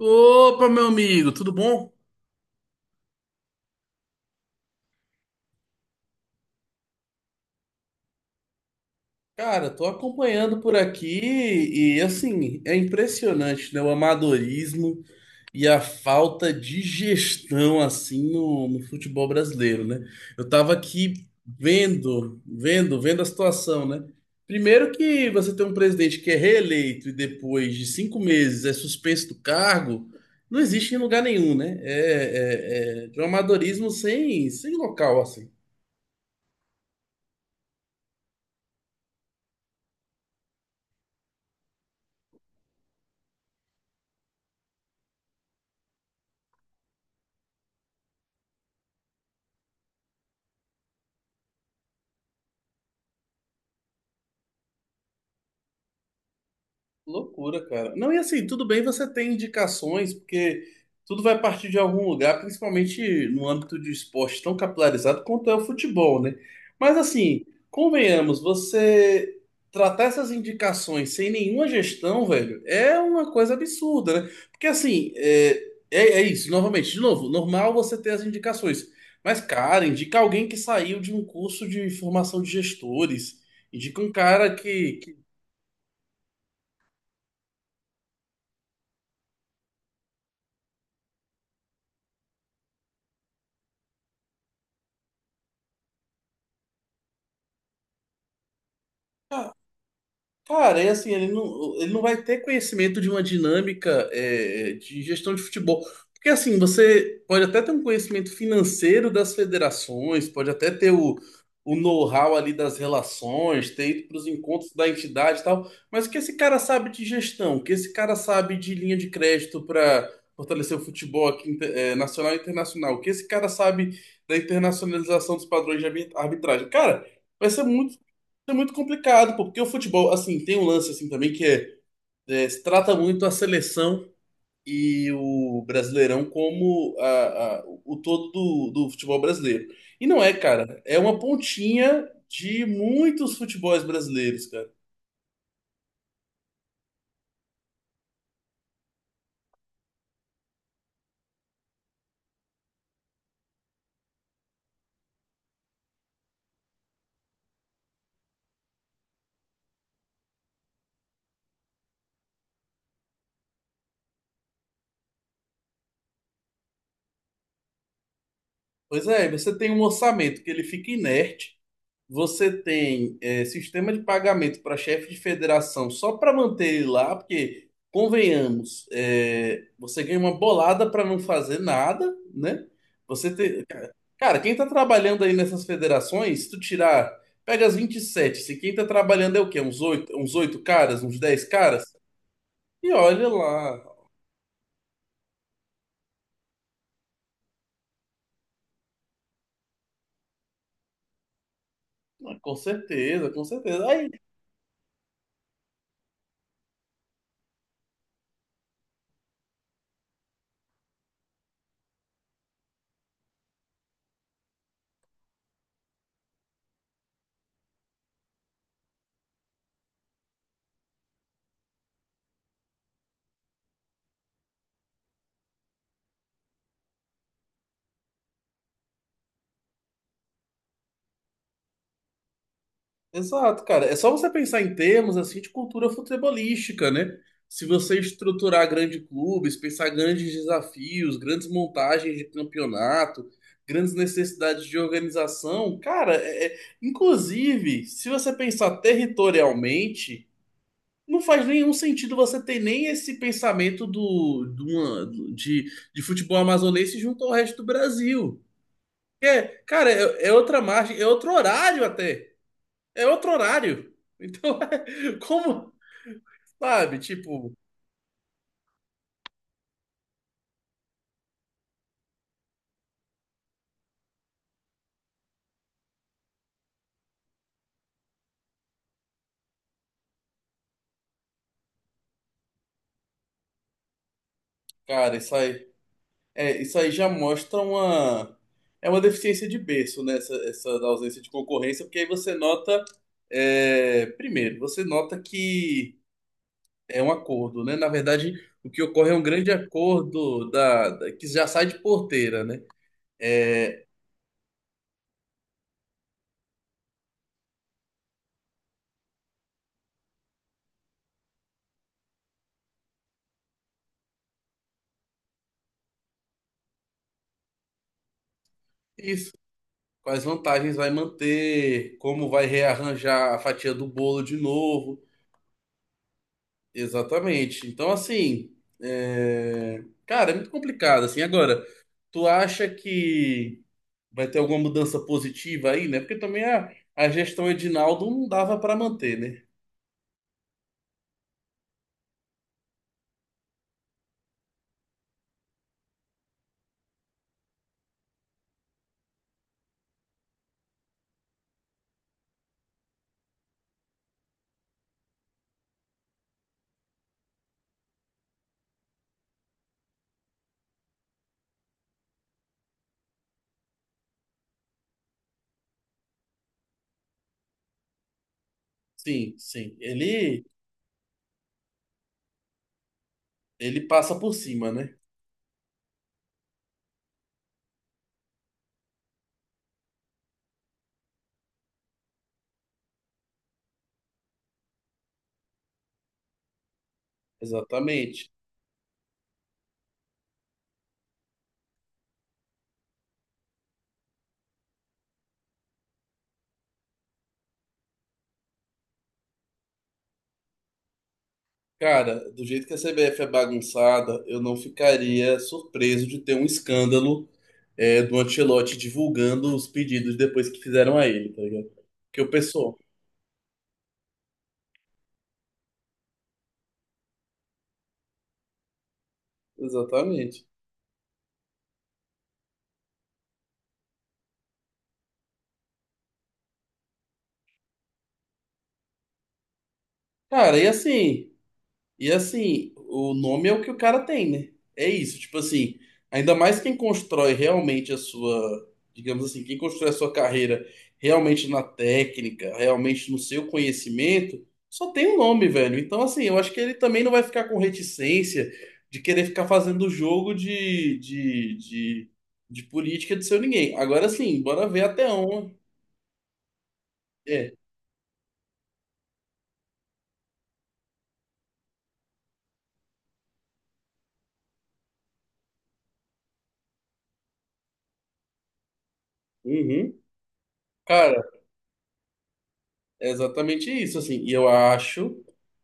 Opa, meu amigo, tudo bom? Cara, tô acompanhando por aqui e assim, é impressionante, né? O amadorismo e a falta de gestão assim no futebol brasileiro, né? Eu tava aqui vendo a situação, né? Primeiro que você tem um presidente que é reeleito e depois de cinco meses é suspenso do cargo, não existe em lugar nenhum, né? É de um amadorismo sem local, assim. Loucura, cara. Não, e assim, tudo bem você ter indicações, porque tudo vai partir de algum lugar, principalmente no âmbito de esporte tão capilarizado quanto é o futebol, né? Mas assim, convenhamos, você tratar essas indicações sem nenhuma gestão, velho, é uma coisa absurda, né? Porque assim, é isso, novamente, de novo, normal você ter as indicações. Mas, cara, indica alguém que saiu de um curso de formação de gestores. Indica um cara que cara, e assim, ele não vai ter conhecimento de uma dinâmica, de gestão de futebol. Porque assim, você pode até ter um conhecimento financeiro das federações, pode até ter o know-how ali das relações, ter ido para os encontros da entidade e tal, mas o que esse cara sabe de gestão, o que esse cara sabe de linha de crédito para fortalecer o futebol aqui, nacional e internacional, o que esse cara sabe da internacionalização dos padrões de arbitragem. Cara, vai ser muito, é muito complicado, pô, porque o futebol, assim, tem um lance assim também que se trata muito a seleção e o Brasileirão como o todo do futebol brasileiro. E não é, cara, é uma pontinha de muitos futebols brasileiros, cara. Pois é, você tem um orçamento que ele fica inerte, você tem sistema de pagamento para chefe de federação só para manter ele lá, porque, convenhamos, você ganha uma bolada para não fazer nada, né? Você tem... Cara, quem tá trabalhando aí nessas federações, se tu tirar, pega as 27, se quem tá trabalhando é o quê? Uns 8 caras, uns 10 caras? E olha lá, ah, com certeza, com certeza. Aí exato, cara. É só você pensar em termos assim de cultura futebolística, né? Se você estruturar grandes clubes, pensar grandes desafios, grandes montagens de campeonato, grandes necessidades de organização, cara, inclusive, se você pensar territorialmente, não faz nenhum sentido você ter nem esse pensamento do, de, uma- de futebol amazonense junto ao resto do Brasil. É, cara, é outra margem, é outro horário até. É outro horário. Então, como, sabe? Tipo, cara, isso aí, isso aí já mostra uma, é uma deficiência de berço, né? Essa da ausência de concorrência, porque aí você nota, primeiro, você nota que é um acordo, né? Na verdade, o que ocorre é um grande acordo que já sai de porteira, né? É, isso. Quais vantagens vai manter, como vai rearranjar a fatia do bolo de novo. Exatamente. Então, assim, cara, é muito complicado, assim. Agora, tu acha que vai ter alguma mudança positiva aí, né? Porque também a gestão Edinaldo não dava para manter, né? Sim, sim. Ele passa por cima, né? Exatamente. Cara, do jeito que a CBF é bagunçada, eu não ficaria surpreso de ter um escândalo, do Ancelotti divulgando os pedidos depois que fizeram a ele, tá ligado? Porque o pessoal. Exatamente. Cara, e assim, o nome é o que o cara tem, né? É isso, tipo assim, ainda mais quem constrói realmente a sua, digamos assim, quem constrói a sua carreira realmente na técnica, realmente no seu conhecimento, só tem um nome, velho. Então, assim, eu acho que ele também não vai ficar com reticência de querer ficar fazendo jogo de política de seu ninguém. Agora sim, bora ver até onde. É. Uhum. Cara, é exatamente isso, assim. E eu acho,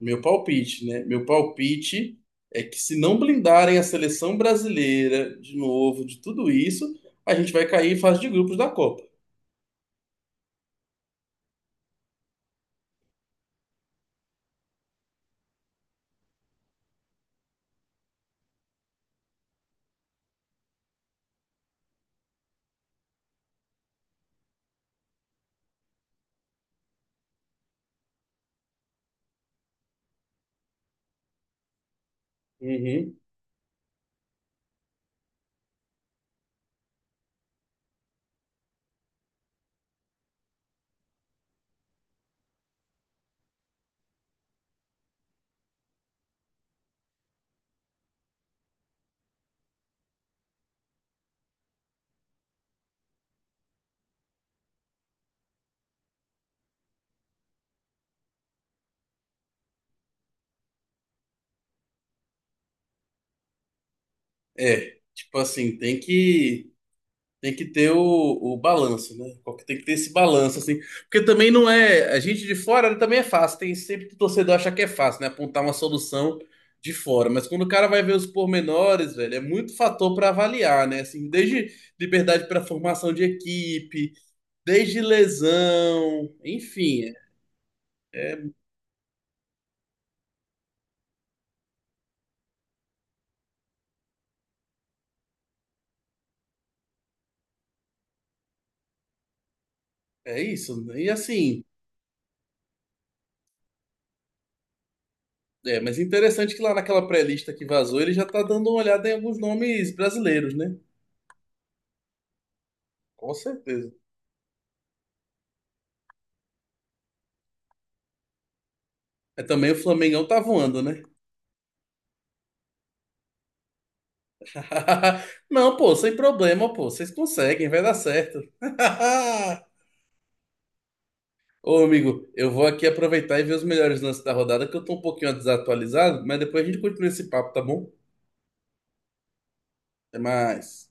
meu palpite, né? Meu palpite é que se não blindarem a seleção brasileira de novo, de tudo isso, a gente vai cair em fase de grupos da Copa. Uhum. É, tipo assim, tem que. Tem que ter o balanço, né? Tem que ter esse balanço, assim. Porque também não é. A gente de fora também é fácil. Tem sempre que o torcedor acha que é fácil, né? Apontar uma solução de fora. Mas quando o cara vai ver os pormenores, velho, é muito fator para avaliar, né? Assim, desde liberdade para formação de equipe, desde lesão, enfim, é, é é isso. E assim. É, mas interessante que lá naquela pré-lista que vazou, ele já tá dando uma olhada em alguns nomes brasileiros, né? Com certeza. É, também o Flamengão tá voando, né? Não, pô, sem problema, pô. Vocês conseguem, vai dar certo. Ô, amigo, eu vou aqui aproveitar e ver os melhores lances da rodada, que eu tô um pouquinho desatualizado, mas depois a gente continua esse papo, tá bom? Até mais.